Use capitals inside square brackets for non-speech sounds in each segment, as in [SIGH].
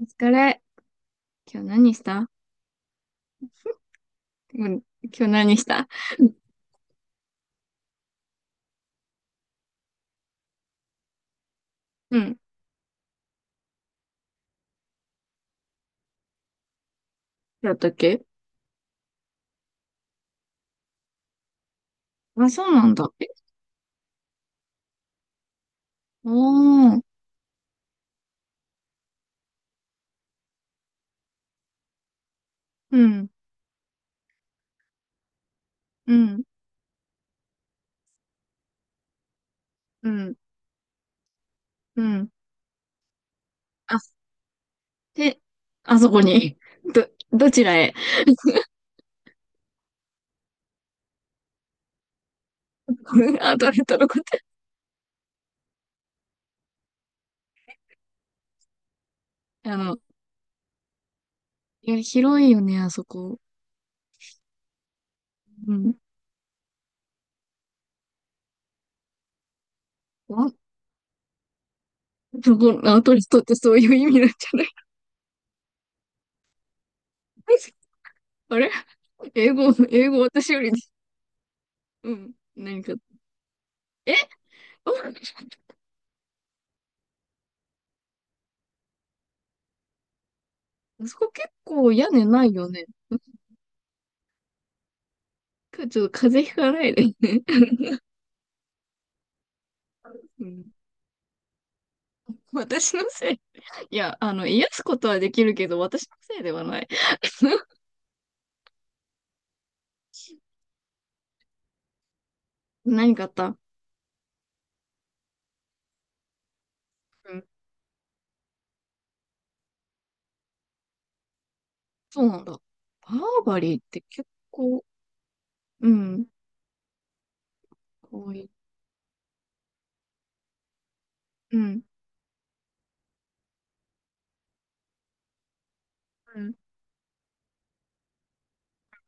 お疲れ。今日何した？うん。今日何した？うん。だったっけ？あ、そうなんだ。おおー。うん。うん。うん。うん。あ、で、あそこに。ど、どちらへ？ [LAUGHS] あ、どれとのこと。あの、いや、広いよね、あそこ。うん。あ、そこ、アウトレットってそういう意味なんじゃない？ [LAUGHS] あれ？英語、英語私より、うん。何か。え？あそこ結構屋根ないよね。今日ちょっと風邪ひかないでね。[LAUGHS] うん、私のせい。いや、あの、癒すことはできるけど、私のせいではない。何かあった？うん。そうなんだ。バーバリーって結構、うん、かわいい。うん、うん、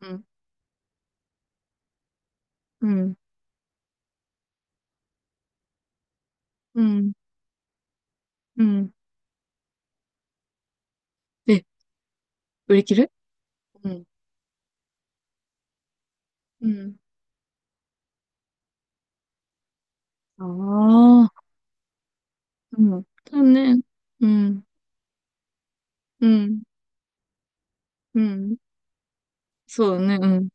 うん、うん、うん、うん。え、売り切れ？うん、うん。ああ、うん。だね。うん、うん、うん。そうだね。うん、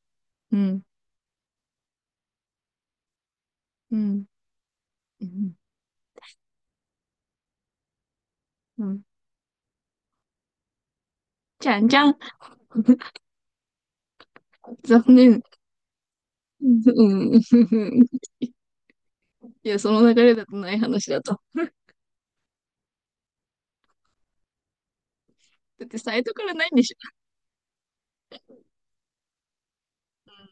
うん、うん、うん。うん、じゃんじゃん。[LAUGHS] 残念。うん。[LAUGHS] いや、その流れだとない話だと。だってサイトからないんでしょ。うん、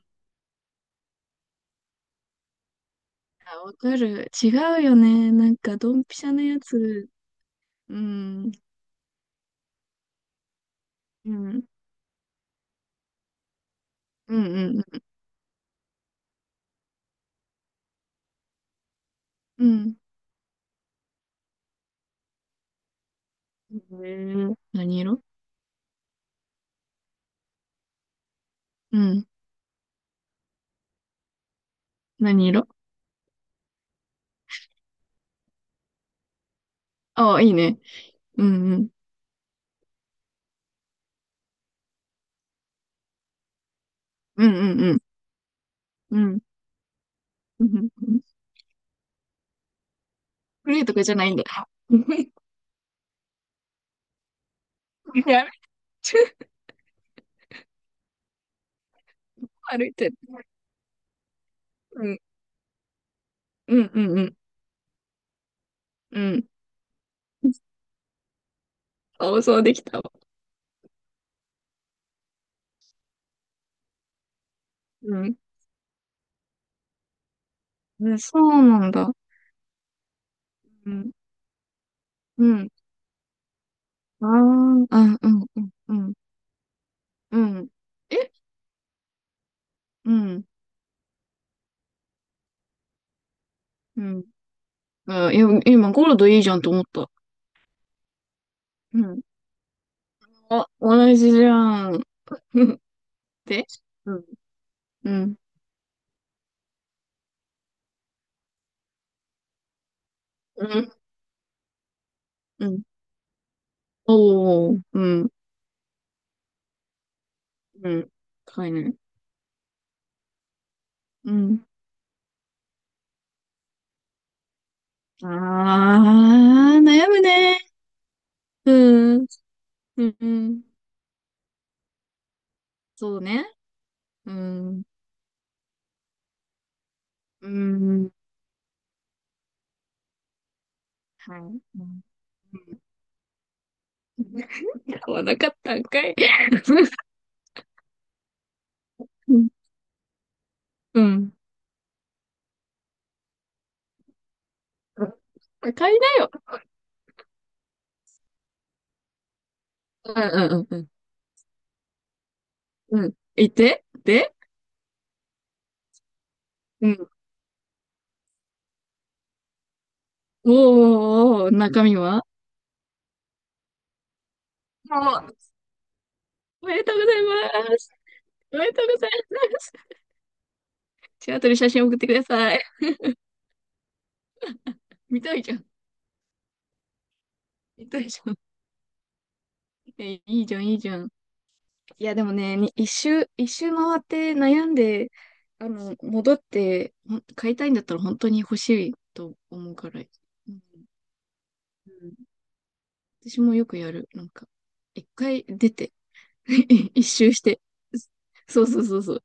あ、わかる。違うよね。なんか、ドンピシャのやつ。うん。うん。うん。うん。うん。へえ、何色？うん。何色？ああ、いいね。うん。うん。うん。うん。うん。うん。うんうん、グレーとかじゃないんだ。[LAUGHS] やめちゃ、歩いてる。うん。うん。うん。うん。うん。あ、そうできたわ。うん。うん、そうなんだ。うん。うん。ああ、うんうんうんうん。うん。え？うん。うん。あ、いや、今ゴールドいいじゃんと思った。うん。あ、同じじゃん。[LAUGHS] で、うん。うん。うん。うん。おお、うん。うん。高いね。うん。ああ、悩むね。うん。うんうん。そうね。うん。うん。はい。うん。うん。 [LAUGHS] 買わなかったんかい。[LAUGHS] うん。うん、買いなよ。うんうんうんうん。うん。いてで、うん。おーおーおー、中身は？もう、おめでとうございます。おめでとうございます。シアトル写真送ってください。見たいじゃん。見たいじゃん。え、いいじゃん、いいじゃん。いや、でもね、に一周回って悩んで、あの、戻って、ほん買いたいんだったら本当に欲しいと思うから。うん、うん、私もよくやる。なんか、一回出て、[LAUGHS] 一周して。そうそうそうそう。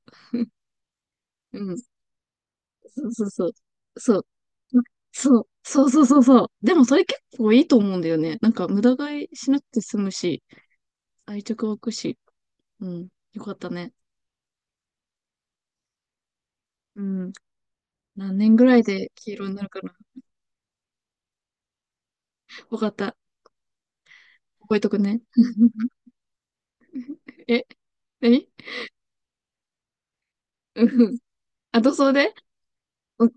うん、そうそうそう。そう。ま、そう、そうそうそうそう。でもそれ結構いいと思うんだよね。なんか無駄買いしなくて済むし、愛着湧くし。うん。よかったね。うん。何年ぐらいで黄色になるかな。わかった。覚えとくね。[LAUGHS] え、何？うん。あ、塗装で、うん、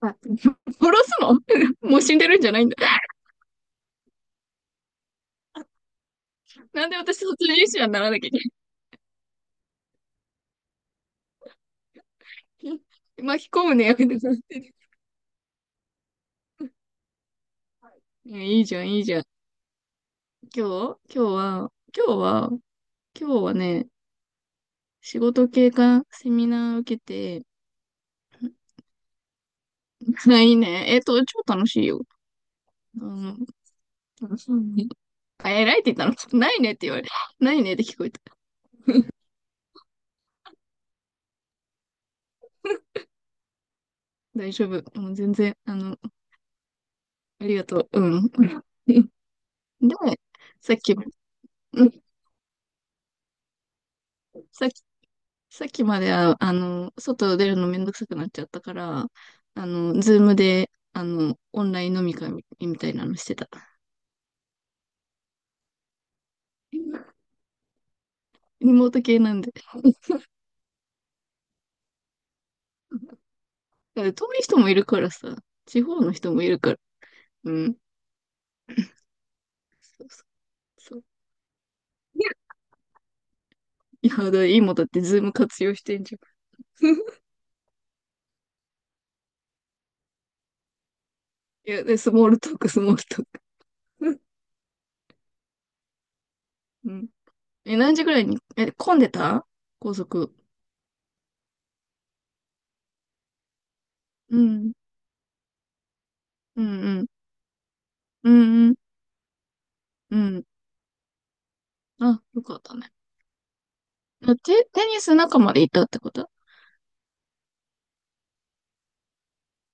あ、[LAUGHS] 殺すの？ [LAUGHS] もう死んでるんじゃないんだ。なんで私卒業者にならなきゃいけない。[LAUGHS] 巻き込むね、やめてください。いやいいじゃん、いいじゃん。今日今日は、今日は、今日はね、仕事経過セミナー受けて、[LAUGHS] ないね。えっと、超楽しいよ。あの、楽しいね。あ、偉いって言ったの？ [LAUGHS] ないねって言われ、ないねって聞こえた。大丈夫。もう全然、あの、ありがとう。うん。[LAUGHS] で、さっき、うん、さっき、さっきまでは、あの、外出るのめんどくさくなっちゃったから、あの、ズームで、あの、オンライン飲み会みたいなのしてた。リモート系なんで。[LAUGHS] だから遠い人もいるからさ、地方の人もいるから。うん。そうそうそう、いや、いやだから今だってズーム活用してんじゃん。[LAUGHS] いや、で、スモールトーク。[LAUGHS] うん。え、何時ぐらいに、え、混んでた？高速。うん。うんうん。うんうん。うん。あ、よかったね。あテ、テニス仲間でいたってこと？あ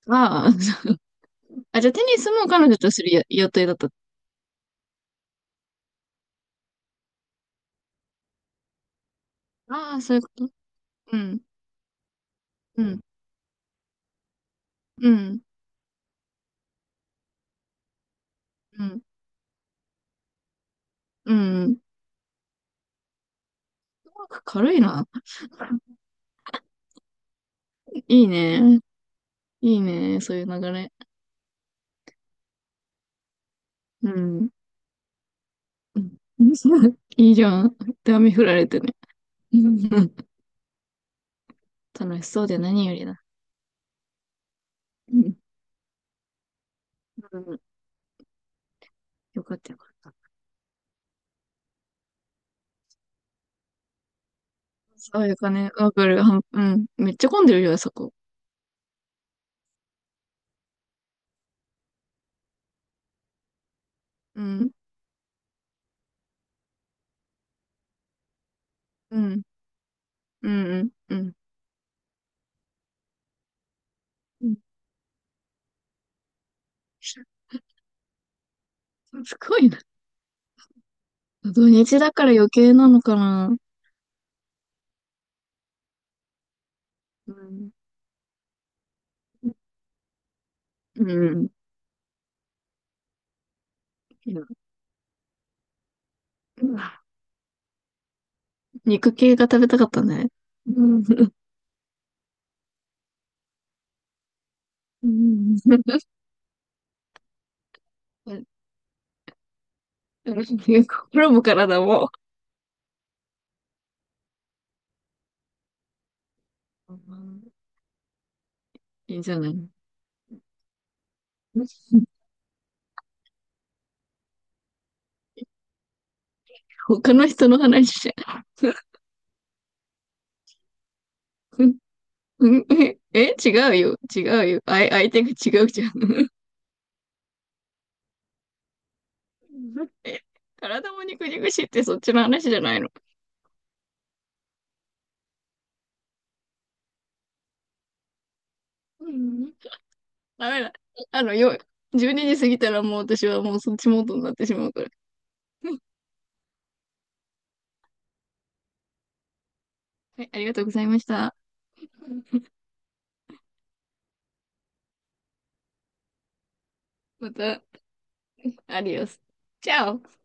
あ、[LAUGHS] あ、じゃあテニスも彼女とするや予定だった。ああ、そういうこと。うん。うん。うん。うん。うん。うまく軽いな。[LAUGHS] いいね。いいね。そういう流れ。うん。うん。 [LAUGHS] いいじゃん。で、雨降られてね。うん、楽しそうで何よりだ。うん。うん、よかったよかった。そういうかね。わかる。はんうん。めっちゃ混んでるよ、あそこ。うん。うん。うん。うん。うん。うん、すごいな。土日だから余計なのかな。うん。うん。いや、うん、肉系が食べたかったね。うん。うん。うん。 [LAUGHS] 心も体も。うん、いいじゃない。[LAUGHS] 他の人の話じゃん。[LAUGHS] うん、え、違うよ。違うよ。あい、相手が違うじゃん。[LAUGHS] え、体も肉々しいってそっちの話じゃないの。うん、ダメだ。あの、よ、12時過ぎたらもう私はもうそっちモードになってしまうから。[LAUGHS] はい、ありがとうございました。また、アディオス。チャオ